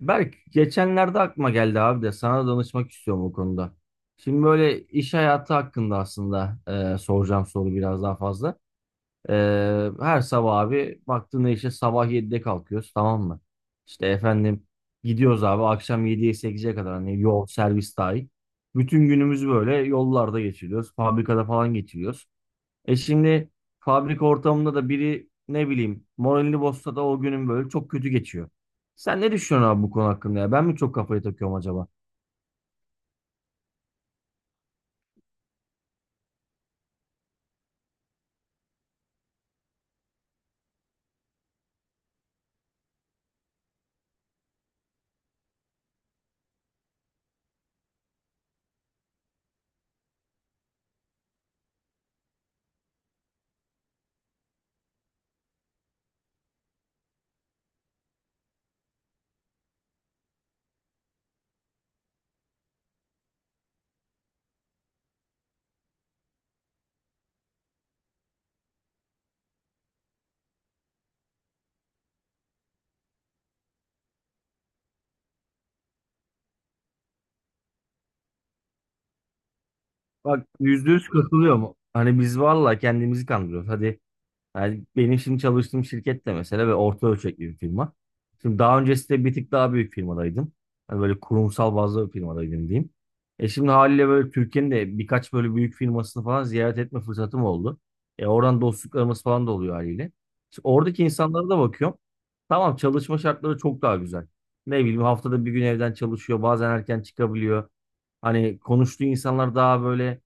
Berk geçenlerde aklıma geldi abi de sana da danışmak istiyorum bu konuda. Şimdi böyle iş hayatı hakkında aslında soracağım soru biraz daha fazla. E, Her sabah abi baktığında işte sabah 7'de kalkıyoruz, tamam mı? İşte efendim, gidiyoruz abi akşam 7'ye 8'e kadar, hani yol servis dahil. Bütün günümüzü böyle yollarda geçiriyoruz. Fabrikada falan geçiriyoruz. Şimdi fabrika ortamında da biri ne bileyim moralini bozsa da o günün böyle çok kötü geçiyor. Sen ne düşünüyorsun abi bu konu hakkında ya? Ben mi çok kafayı takıyorum acaba? Bak, %100 katılıyorum. Hani biz valla kendimizi kandırıyoruz. Hadi. Yani benim şimdi çalıştığım şirket de mesela, ve orta ölçekli bir firma. Şimdi daha öncesinde bir tık daha büyük firmadaydım. Hani böyle kurumsal bazlı bir firmadaydım diyeyim. Şimdi haliyle böyle Türkiye'nin de birkaç böyle büyük firmasını falan ziyaret etme fırsatım oldu. Oradan dostluklarımız falan da oluyor haliyle. Şimdi oradaki insanlara da bakıyorum. Tamam, çalışma şartları çok daha güzel. Ne bileyim, haftada bir gün evden çalışıyor. Bazen erken çıkabiliyor. Hani konuştuğu insanlar daha böyle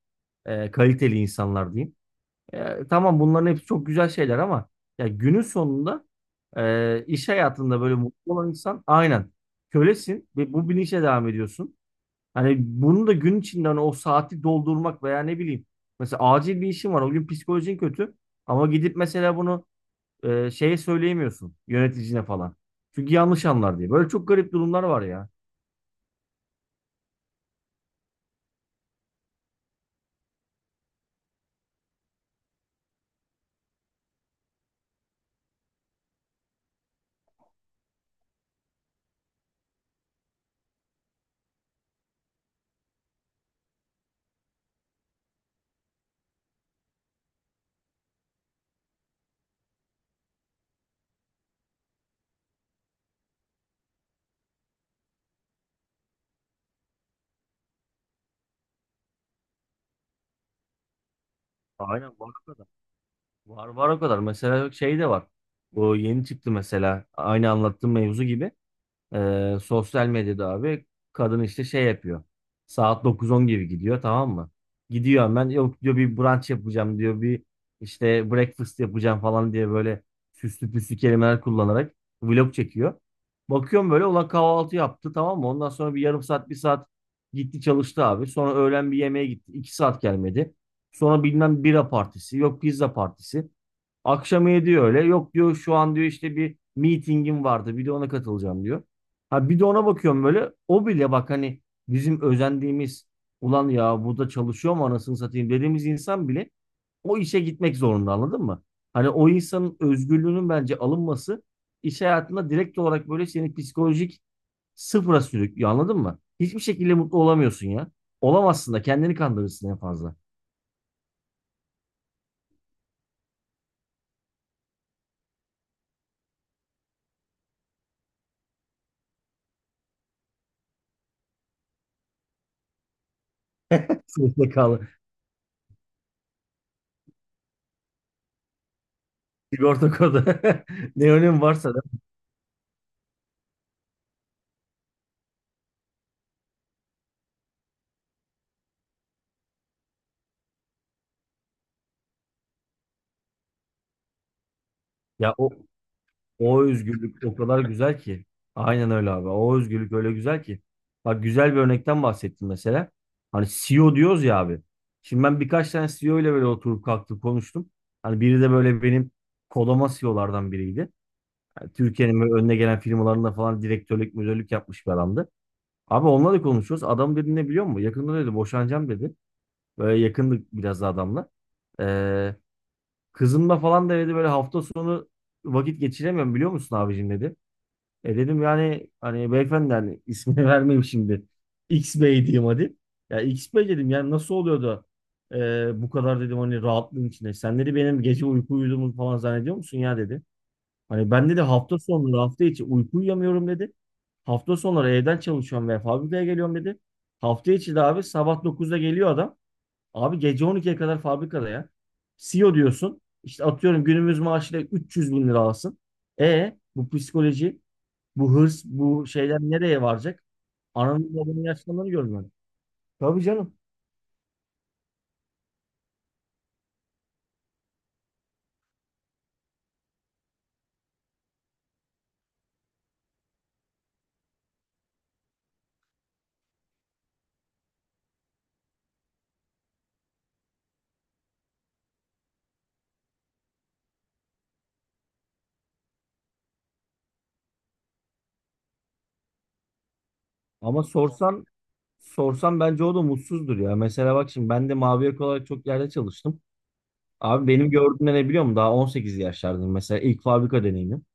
kaliteli insanlar diyeyim. Tamam, bunların hepsi çok güzel şeyler ama ya günün sonunda iş hayatında böyle mutlu olan insan, aynen, kölesin ve bu bilinçle devam ediyorsun. Hani bunu da gün içinde, hani o saati doldurmak veya ne bileyim, mesela acil bir işin var, o gün psikolojin kötü ama gidip mesela bunu şeye söyleyemiyorsun, yöneticine falan. Çünkü yanlış anlar diye. Böyle çok garip durumlar var ya. Aynen, var o kadar. Var var o kadar. Mesela şey de var. O yeni çıktı mesela, aynı anlattığım mevzu gibi. Sosyal medyada abi kadın işte şey yapıyor. Saat 9-10 gibi gidiyor, tamam mı? Gidiyor hemen, yok diyor bir brunch yapacağım diyor, bir işte breakfast yapacağım falan diye böyle süslü püslü kelimeler kullanarak vlog çekiyor. Bakıyorum böyle, ulan kahvaltı yaptı, tamam mı? Ondan sonra bir yarım saat bir saat gitti çalıştı abi. Sonra öğlen bir yemeğe gitti. 2 saat gelmedi. Sonra bilmem bira partisi, yok pizza partisi. Akşam diyor öyle. Yok diyor, şu an diyor işte bir meetingim vardı. Bir de ona katılacağım diyor. Ha, bir de ona bakıyorum böyle. O bile bak, hani bizim özendiğimiz, ulan ya burada çalışıyor mu anasını satayım dediğimiz insan bile o işe gitmek zorunda, anladın mı? Hani o insanın özgürlüğünün bence alınması, iş hayatında direkt olarak böyle seni psikolojik sıfıra sürüklüyor, anladın mı? Hiçbir şekilde mutlu olamıyorsun ya. Olamazsın da, kendini kandırırsın en fazla. SSK'lı sigorta kodu. Ne önemi varsa da. Ya o O özgürlük o kadar güzel ki. Aynen öyle abi. O özgürlük öyle güzel ki. Bak, güzel bir örnekten bahsettim mesela. Hani CEO diyoruz ya abi. Şimdi ben birkaç tane CEO ile böyle oturup kalktım, konuştum. Hani biri de böyle benim kolama CEO'lardan biriydi. Yani Türkiye'nin böyle önüne gelen firmalarında falan direktörlük, müdürlük yapmış bir adamdı. Abi onunla da konuşuyoruz. Adam dedi, ne biliyor musun? Yakında dedi boşanacağım dedi. Böyle yakındık biraz da adamla. Ee, Kızımla falan da dedi böyle hafta sonu vakit geçiremiyorum biliyor musun abicim dedi. Dedim yani hani beyefendi, hani ismini vermeyeyim şimdi. X Bey diyeyim hadi. Ya X Bey dedim, yani nasıl oluyordu? Bu kadar dedim, hani rahatlığın içinde. Sen dedi benim gece uyku uyuduğumu falan zannediyor musun ya dedi. Hani ben dedi hafta sonları, hafta içi uyku uyuyamıyorum dedi. Hafta sonları evden çalışıyorum ve fabrikaya geliyorum dedi. Hafta içi de abi sabah 9'da geliyor adam. Abi gece 12'ye kadar fabrikada ya. CEO diyorsun. İşte atıyorum günümüz maaşıyla 300 bin lira alsın. Bu psikoloji, bu hırs, bu şeyler nereye varacak? Ananın babanın yaşlananı görmem. Tabii canım. Ama sorsan bence o da mutsuzdur ya. Mesela bak, şimdi ben de mavi yaka olarak çok yerde çalıştım. Abi benim gördüğümde ne biliyor musun? Daha 18 yaşlardayım mesela, ilk fabrika deneyimim.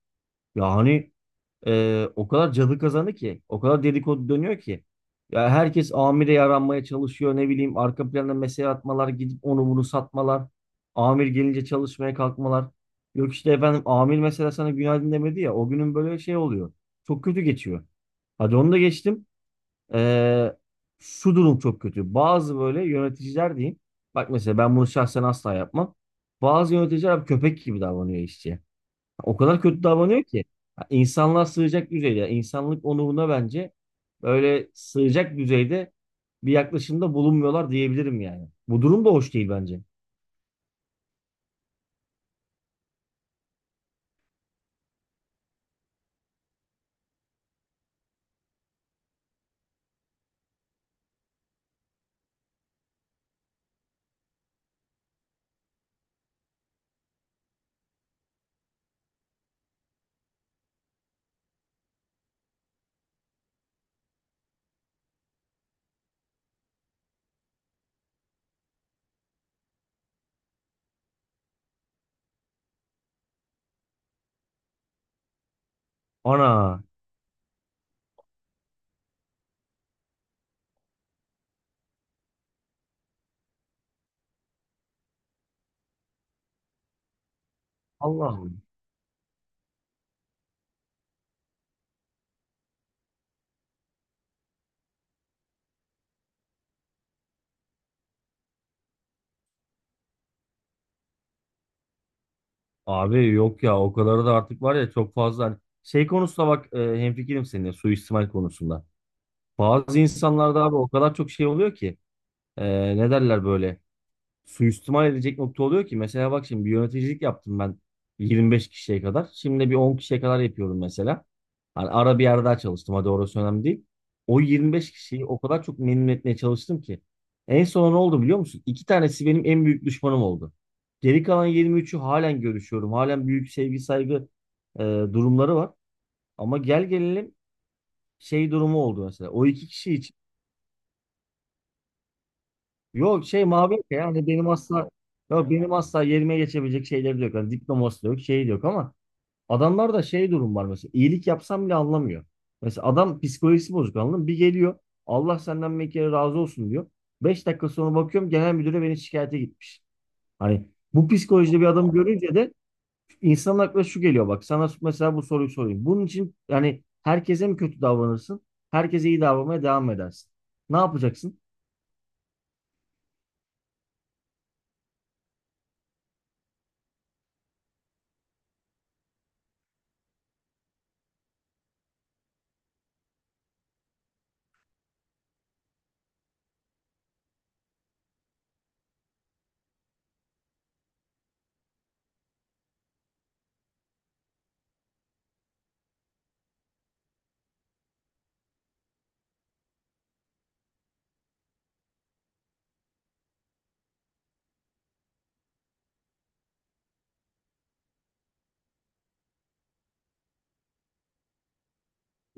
Ya hani o kadar cadı kazanı ki, o kadar dedikodu dönüyor ki. Ya herkes amire yaranmaya çalışıyor, ne bileyim arka planda mesele atmalar, gidip onu bunu satmalar. Amir gelince çalışmaya kalkmalar. Yok işte efendim, amir mesela sana günaydın demedi ya, o günün böyle şey oluyor. Çok kötü geçiyor. Hadi onu da geçtim. Ee, Şu durum çok kötü. Bazı böyle yöneticiler diyeyim. Bak, mesela ben bunu şahsen asla yapmam. Bazı yöneticiler abi köpek gibi davranıyor işçiye. O kadar kötü davranıyor ki. Ha, İnsanlığa sığacak düzeyde, insanlık onuruna bence böyle sığacak düzeyde bir yaklaşımda bulunmuyorlar diyebilirim yani. Bu durum da hoş değil bence. Ana, Allah'ım. Abi yok ya, o kadar da artık, var ya çok fazla. Hani şey konusunda bak, hemfikirim seninle suistimal konusunda. Bazı insanlarda abi o kadar çok şey oluyor ki, ne derler böyle, suistimal edecek nokta oluyor ki. Mesela bak, şimdi bir yöneticilik yaptım ben, 25 kişiye kadar. Şimdi bir 10 kişiye kadar yapıyorum mesela. Hani ara bir yerde daha çalıştım. Hadi orası önemli değil. O 25 kişiyi o kadar çok memnun etmeye çalıştım ki. En son ne oldu biliyor musun? İki tanesi benim en büyük düşmanım oldu. Geri kalan 23'ü halen görüşüyorum. Halen büyük sevgi saygı durumları var. Ama gel gelelim, şey durumu oldu mesela. O iki kişi için. Yok şey mavi. Ya, yani benim asla, yok benim asla yerime geçebilecek şeyleri de yok. Yani diploması da yok, şeyi de yok ama adamlar da şey, durum var mesela, iyilik yapsam bile anlamıyor. Mesela adam psikolojisi bozuk, anladın mı? Bir geliyor, Allah senden bir kere razı olsun diyor. 5 dakika sonra bakıyorum genel müdüre beni şikayete gitmiş. Hani bu psikolojide bir adam görünce de insanın aklına şu geliyor. Bak, sana mesela bu soruyu sorayım. Bunun için yani herkese mi kötü davranırsın? Herkese iyi davranmaya devam mı edersin? Ne yapacaksın?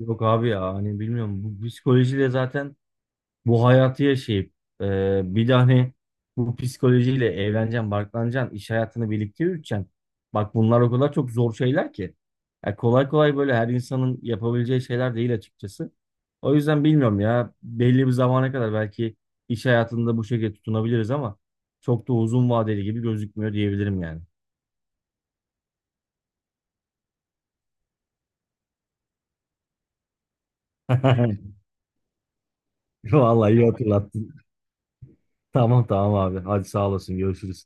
Yok abi ya, hani bilmiyorum, bu psikolojiyle zaten bu hayatı yaşayıp, bir de hani bu psikolojiyle evleneceksin, barklanacaksın, iş hayatını birlikte yürüteceksin. Bak bunlar o kadar çok zor şeyler ki. Ya kolay kolay böyle her insanın yapabileceği şeyler değil açıkçası. O yüzden bilmiyorum ya, belli bir zamana kadar belki iş hayatında bu şekilde tutunabiliriz ama çok da uzun vadeli gibi gözükmüyor diyebilirim yani. Vallahi iyi hatırlattın. Tamam tamam abi, hadi sağ olasın, görüşürüz.